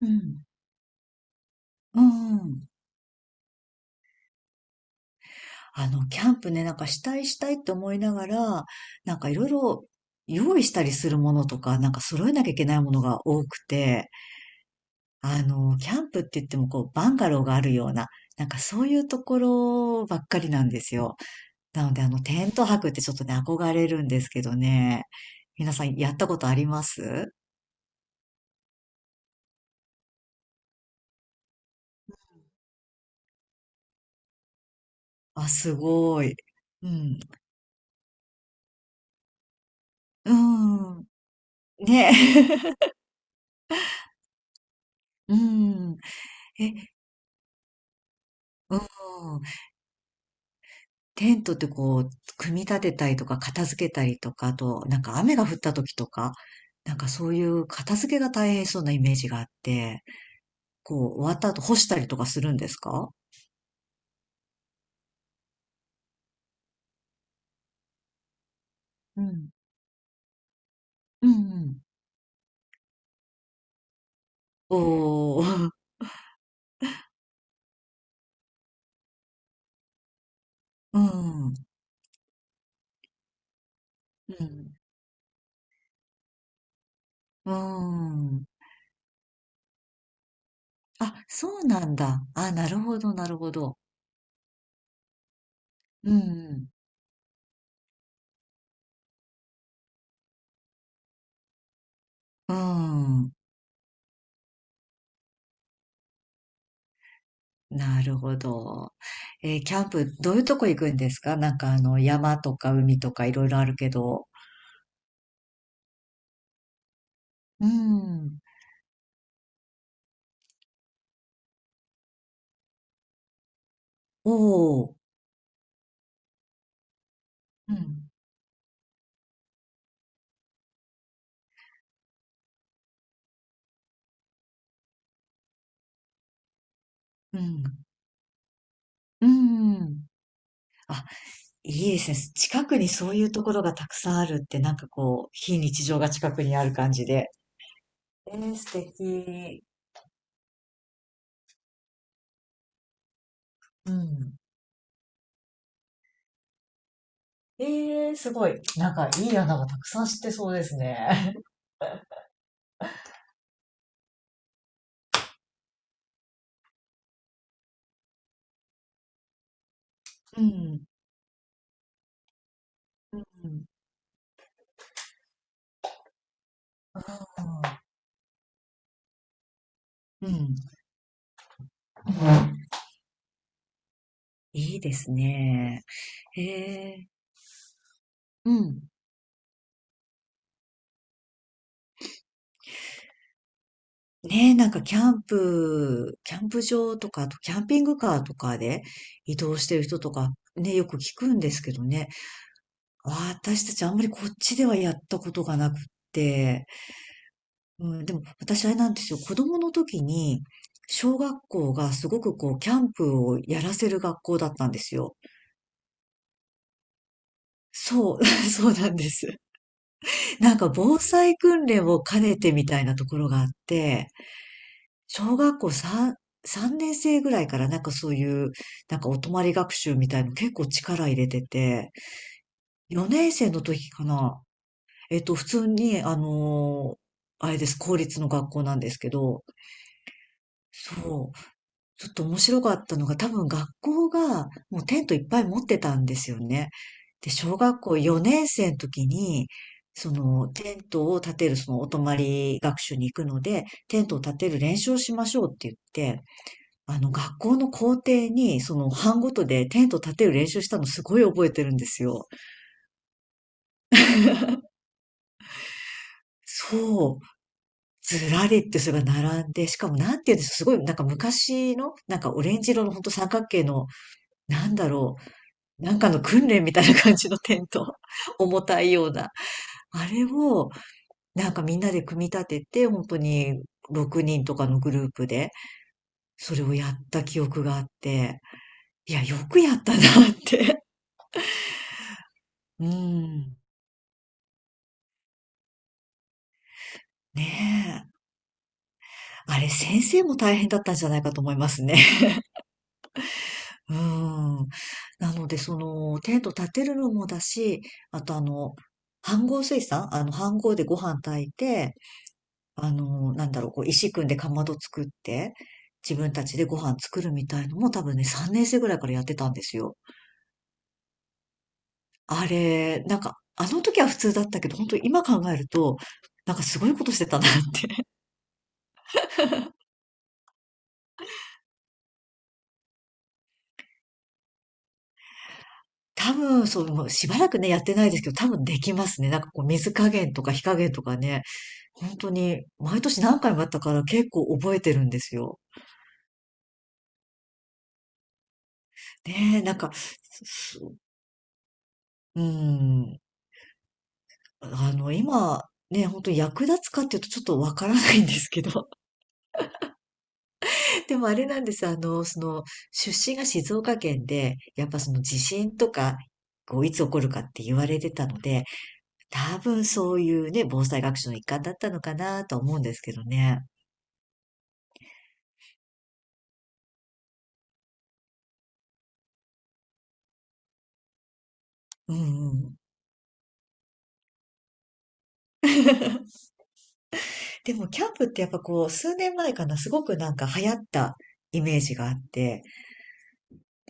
うん。うんうん。キャンプね、なんかしたいしたいって思いながら、なんかいろいろ用意したりするものとか、なんか揃えなきゃいけないものが多くて、キャンプって言ってもこう、バンガローがあるような、なんかそういうところばっかりなんですよ。なので、テント泊ってちょっとね、憧れるんですけどね。皆さんやったことあります？あ、すごい。うん。うん。ね。うん。え、うん。テントってこう、組み立てたりとか、片付けたりとか、あと、なんか雨が降った時とか、なんかそういう片付けが大変そうなイメージがあって、こう、終わった後干したりとかするんですか？うん。うんうん。おー、うん、うん、うーん。あ、そうなんだ。あ、なるほど、なるほど。うん、うん。なるほど。キャンプ、どういうとこ行くんですか？なんか山とか海とかいろいろあるけど。うん。おお、うん、うん、うん。あ、いいですね。近くにそういうところがたくさんあるって、なんかこう、非日常が近くにある感じで。えー、素敵。うん。えーすごい。なんかいい穴がたくさん知ってそうですね。うん、うん、うん。うん、いいですね。へえ、うん。ねえ、なんかキャンプ場とか、あとキャンピングカーとかで移動してる人とか、ね、よく聞くんですけどね。私たちあんまりこっちではやったことがなくって。うん、でも私あれなんですよ。子供の時に、小学校がすごくこう、キャンプをやらせる学校だったんですよ。そう、そうなんです。なんか防災訓練を兼ねてみたいなところがあって、小学校3年生ぐらいからなんかそういう、なんかお泊まり学習みたいの結構力入れてて、4年生の時かな。普通に、あれです、公立の学校なんですけど、そう、ちょっと面白かったのが、多分学校がもうテントいっぱい持ってたんですよね。で、小学校4年生の時に、そのテントを建てる、そのお泊まり学習に行くので、テントを建てる練習をしましょうって言って、学校の校庭に、その、班ごとでテント立てる練習したのすごい覚えてるんですよ。そう。ずらりってそれが並んで、しかもなんて言うんでしょう、すごいなんか昔の、なんかオレンジ色のほんと三角形の、なんだろう、なんかの訓練みたいな感じのテント。重たいような。あれを、なんかみんなで組み立てて、本当に6人とかのグループで、それをやった記憶があって、いや、よくやったなって。うん。ねえ、あれ、先生も大変だったんじゃないかと思いますね。うん。なので、その、テント立てるのもだし、あと飯盒炊さん飯盒でご飯炊いて、なんだろう、こう、石組んでかまど作って、自分たちでご飯作るみたいのも多分ね、3年生ぐらいからやってたんですよ。あれ、なんか、あの時は普通だったけど、本当に今考えると、なんかすごいことしてたなって、多分、そう、もうしばらくね、やってないですけど、多分できますね。なんかこう、水加減とか火加減とかね、本当に、毎年何回もやったから結構覚えてるんですよ。ねえ、なんか、うん、今、ね、本当に役立つかっていうとちょっとわからないんですけど。でもあれなんです。出身が静岡県で、やっぱその地震とか、こう、いつ起こるかって言われてたので、多分そういうね、防災学習の一環だったのかなとは思うんですけどね。うんうん。でも、キャンプってやっぱこう、数年前かな、すごくなんか流行ったイメージがあって、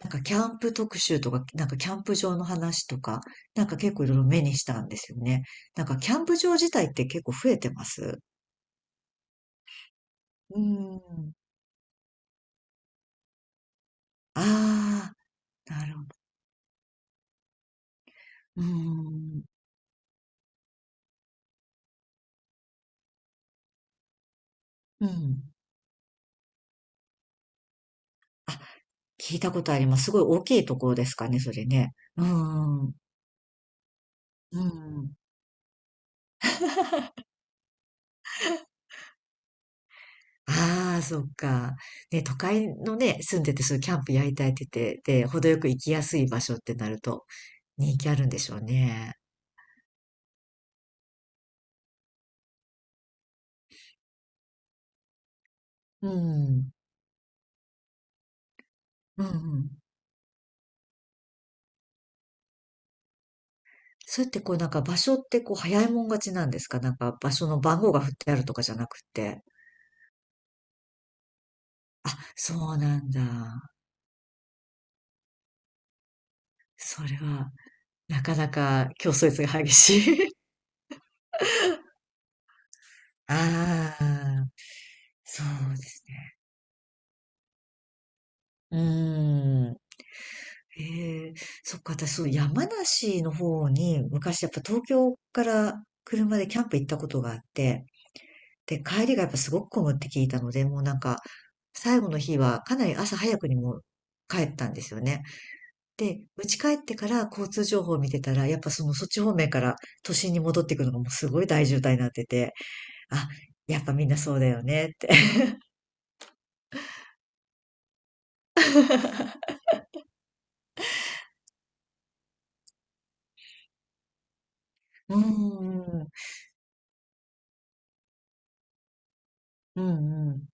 なんかキャンプ特集とか、なんかキャンプ場の話とか、なんか結構いろいろ目にしたんですよね。なんかキャンプ場自体って結構増えてます？うん。ああ、なるほど。うん。うん。あ、聞いたことあります。すごい大きいところですかね、それね。うん。うん。ああ、そっか。ね、都会のね、住んでて、そういうキャンプやりたいって言ってて、で、程よく行きやすい場所ってなると、人気あるんでしょうね。うん。うん、うん。そうやってこう、なんか場所ってこう、早いもん勝ちなんですか？なんか場所の番号が振ってあるとかじゃなくて。あ、そうなんだ。それは、なかなか競争率が激しい。ああ、そうですね。うーん。ええ、そっか、私、そう、山梨の方に、昔やっぱ東京から車でキャンプ行ったことがあって、で、帰りがやっぱすごく混むって聞いたので、もうなんか、最後の日はかなり朝早くにもう帰ったんですよね。で、家帰ってから交通情報を見てたら、やっぱそのそっち方面から都心に戻っていくのがもうすごい大渋滞になってて、あ、やっぱみんなそうだよねって。うん、うん、うん、うん。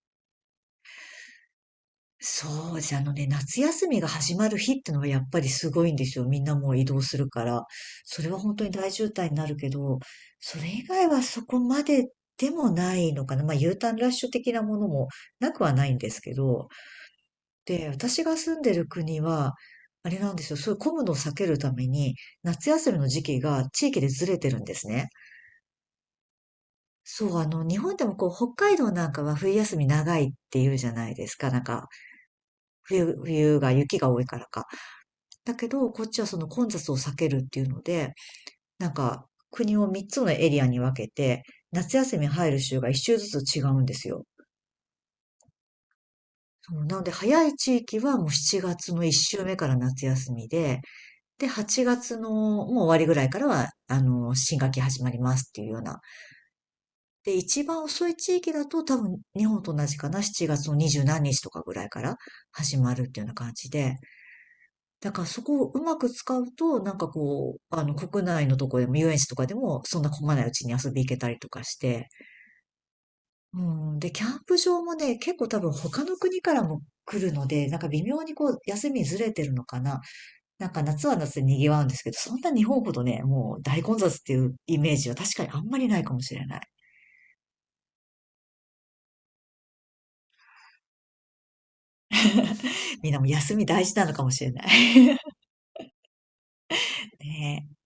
そうです。あのね、夏休みが始まる日ってのはやっぱりすごいんですよ。みんなもう移動するから。それは本当に大渋滞になるけど、それ以外はそこまででもないのかな。まあ U ターンラッシュ的なものもなくはないんですけど。で、私が住んでる国は、あれなんですよ。そういう混むのを避けるために、夏休みの時期が地域でずれてるんですね。そう、日本でもこう、北海道なんかは冬休み長いっていうじゃないですか。なんか、冬が雪が多いからか。だけど、こっちはその混雑を避けるっていうので、なんか、国を3つのエリアに分けて、夏休み入る週が1週ずつ違うんですよ。そうなので、早い地域はもう7月の1週目から夏休みで、で、8月のもう終わりぐらいからは、新学期始まりますっていうような。で、一番遅い地域だと多分日本と同じかな、7月の二十何日とかぐらいから始まるっていうような感じで、だからそこをうまく使うと、なんかこう、国内のとこでも遊園地とかでも、そんな混まないうちに遊び行けたりとかして。うん。で、キャンプ場もね、結構多分他の国からも来るので、なんか微妙にこう、休みずれてるのかな。なんか夏は夏で賑わうんですけど、そんな日本ほどね、もう大混雑っていうイメージは確かにあんまりないかもしれない。みんなも休み大事なのかもしれない。ねえ